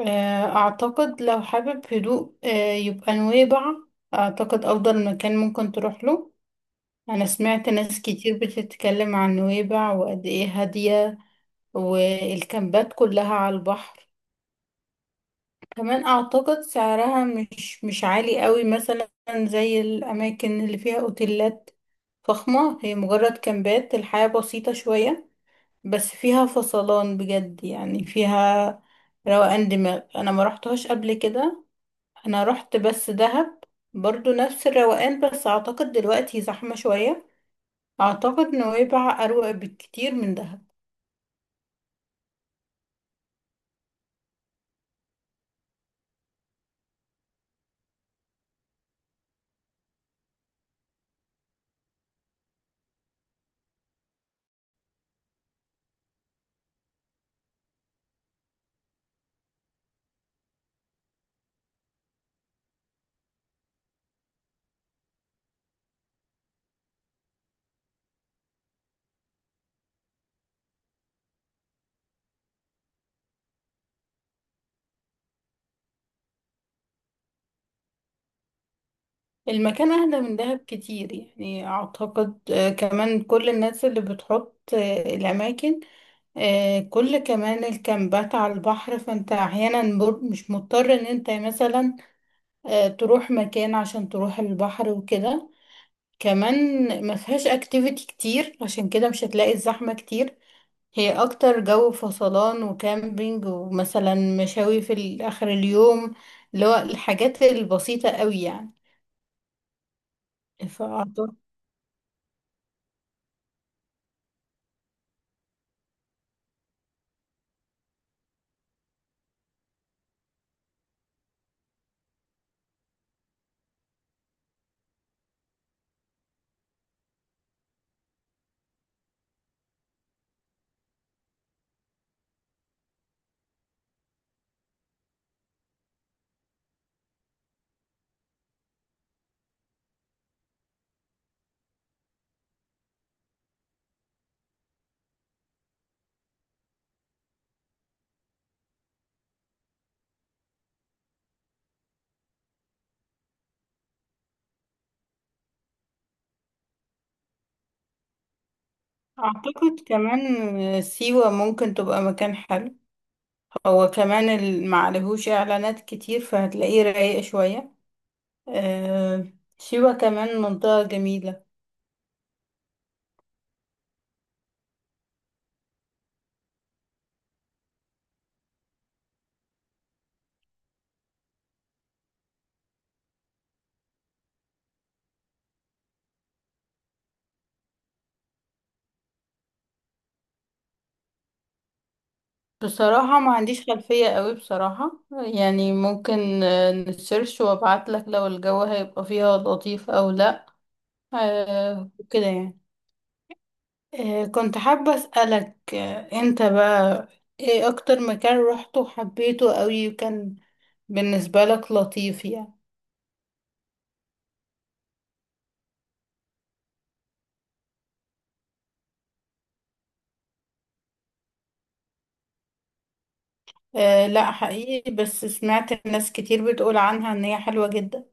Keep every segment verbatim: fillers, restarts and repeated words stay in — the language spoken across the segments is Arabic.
آه، أعتقد لو حابب هدوء آه، يبقى نويبع. أعتقد أفضل مكان ممكن تروح له. أنا سمعت ناس كتير بتتكلم عن نويبع وقد إيه هادية، والكامبات كلها على البحر. كمان أعتقد سعرها مش مش عالي قوي، مثلا زي الأماكن اللي فيها أوتيلات فخمة. هي مجرد كامبات، الحياة بسيطة شوية بس فيها فصلان بجد، يعني فيها روقان دماغ. أنا ما رحتهاش قبل كده، انا رحت بس دهب، برضو نفس الروقان، بس اعتقد دلوقتي زحمة شوية. اعتقد نويبع اروق بكتير من دهب. المكان اهدى من دهب كتير، يعني اعتقد آه، كمان كل الناس اللي بتحط آه، الاماكن، آه، كل كمان الكامبات على البحر، فانت احيانا بر- مش مضطر ان انت مثلا آه، تروح مكان عشان تروح البحر وكده. كمان ما فيهاش اكتيفيتي كتير، عشان كده مش هتلاقي الزحمة كتير. هي اكتر جو فصلان وكامبينج، ومثلا مشاوي في ال- اخر اليوم، اللي هو الحاجات البسيطة قوي يعني. فأعتقد أعتقد كمان سيوة ممكن تبقى مكان حلو. هو كمان ال- معلهوش إعلانات كتير فهتلاقيه رايق شوية. آه، سيوة كمان منطقة جميلة. بصراحة ما عنديش خلفية قوي بصراحة، يعني ممكن آه، نسيرش وابعتلك لو الجو هيبقى فيها لطيف أو لأ، آه، كده يعني. آه، كنت حابة أسألك آه، أنت بقى إيه أكتر مكان روحته وحبيته قوي وكان بالنسبة لك لطيف يعني؟ أه لا، حقيقي، بس سمعت ناس كتير بتقول عنها إن هي حلوة جدا.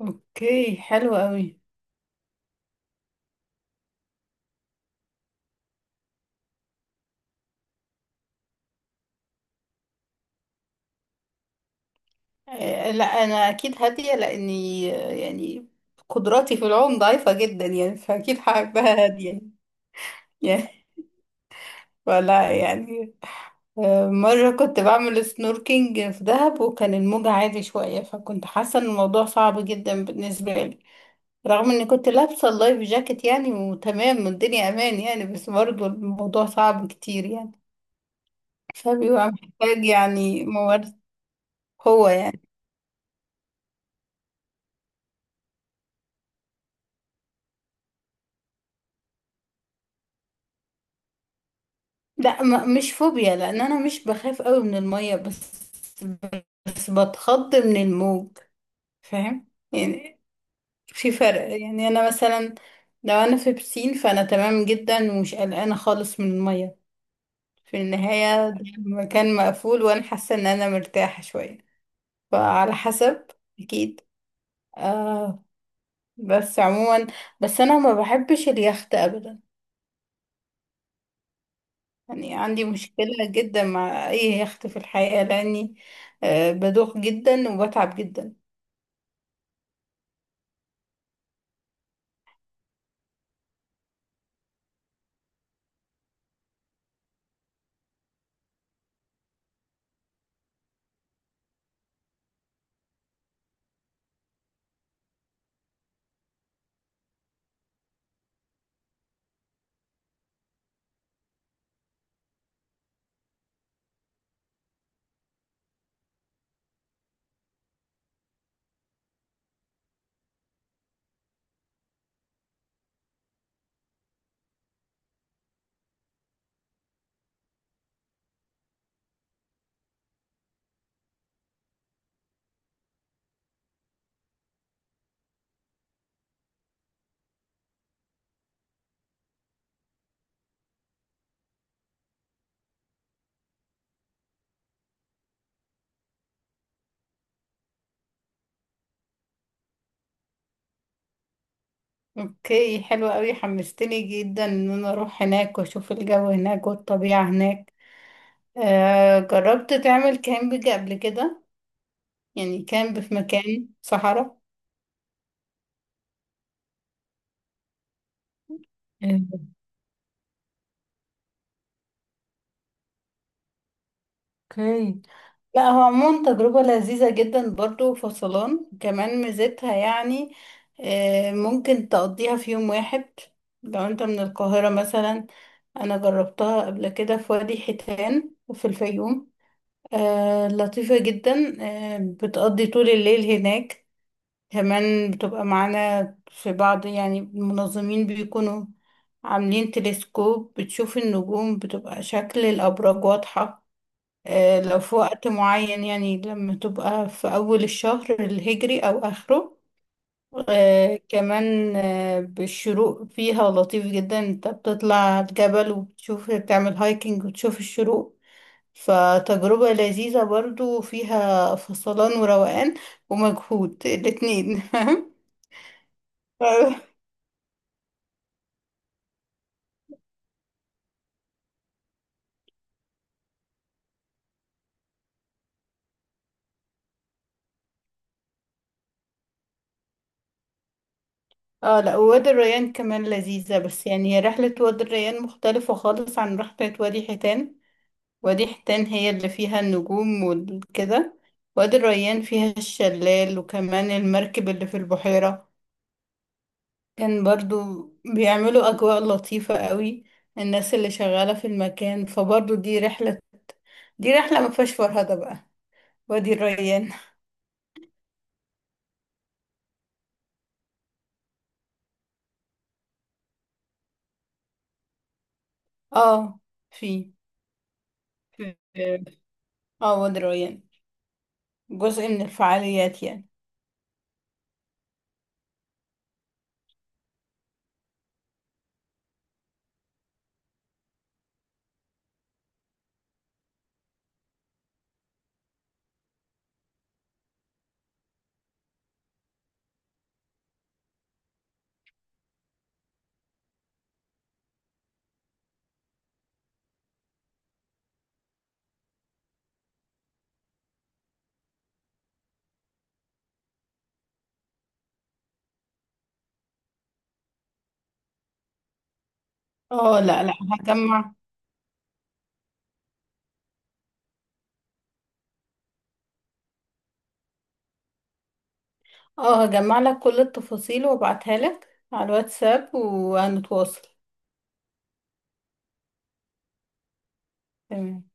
أوكي، حلو قوي. أه لا، أنا أكيد هادية، لأني آه، يعني قدراتي في العوم ضعيفة جدا، يعني فأكيد هحبها هادية يعني. ولا يعني آه، مرة كنت بعمل سنوركينج في دهب وكان الموج عالي شوية، فكنت حاسة ان الموضوع صعب جدا بالنسبة لي، رغم اني كنت لابسة اللايف جاكيت يعني وتمام والدنيا امان يعني، بس برضه الموضوع صعب كتير يعني. فبيبقى محتاج يعني ممارسة، قوة يعني. لا، م- مش فوبيا، لان انا مش بخاف قوي من المية، بس بس بتخض من الموج، فاهم يعني؟ في فرق يعني. انا مثلا لو انا في بسين فانا تمام جدا ومش قلقانه خالص من الميه. في النهايه ده مكان مقفول وانا حاسه ان انا مرتاحه شويه، فعلى حسب. اكيد. آه، بس عموما بس انا ما بحبش اليخت ابدا، يعني عندي مشكله جدا مع اي يخت في الحقيقه، لاني آه بدوخ جدا وبتعب جدا. اوكي، حلوة قوي، حمستني جدا ان انا اروح هناك واشوف الجو هناك والطبيعه هناك. آه، جربت تعمل كامبينج قبل كده؟ يعني كامب في مكان صحراء؟ إيه، اوكي. لا، هو عموما تجربة لذيذة جدا، برضو فصلان، كمان ميزتها يعني آه ممكن تقضيها في يوم واحد لو انت من القاهرة مثلا. انا جربتها قبل كده في وادي حيتان وفي الفيوم، آه لطيفة جدا. آه، بتقضي طول الليل هناك، كمان بتبقى معانا في بعض، يعني المنظمين بيكونوا عاملين تلسكوب بتشوف النجوم، بتبقى شكل الأبراج واضحة آه، لو في وقت معين، يعني لما تبقى في أول الشهر الهجري أو آخره. آه، كمان آه، بالشروق فيها لطيف جدا، انت بتطلع الجبل وبتشوف، بتعمل هايكنج وتشوف الشروق. فتجربة لذيذة برضو، فيها فصلان وروقان ومجهود الاتنين. اه لا، وادي الريان كمان لذيذة، بس يعني هي رحلة وادي الريان مختلفة خالص عن رحلة وادي حيتان. وادي حيتان هي اللي فيها النجوم وكده، وادي الريان فيها الشلال وكمان المركب اللي في البحيرة. كان برضو بيعملوا أجواء لطيفة قوي الناس اللي شغالة في المكان، فبرضو دي رحلة، دي رحلة ما فيهاش فرهدة بقى وادي الريان. اه، في في- اه وادي الريان جزء من الفعاليات يعني. اه لا لا، هجمع. اه هجمع لك كل التفاصيل وابعتها لك على الواتساب وهنتواصل. تمام.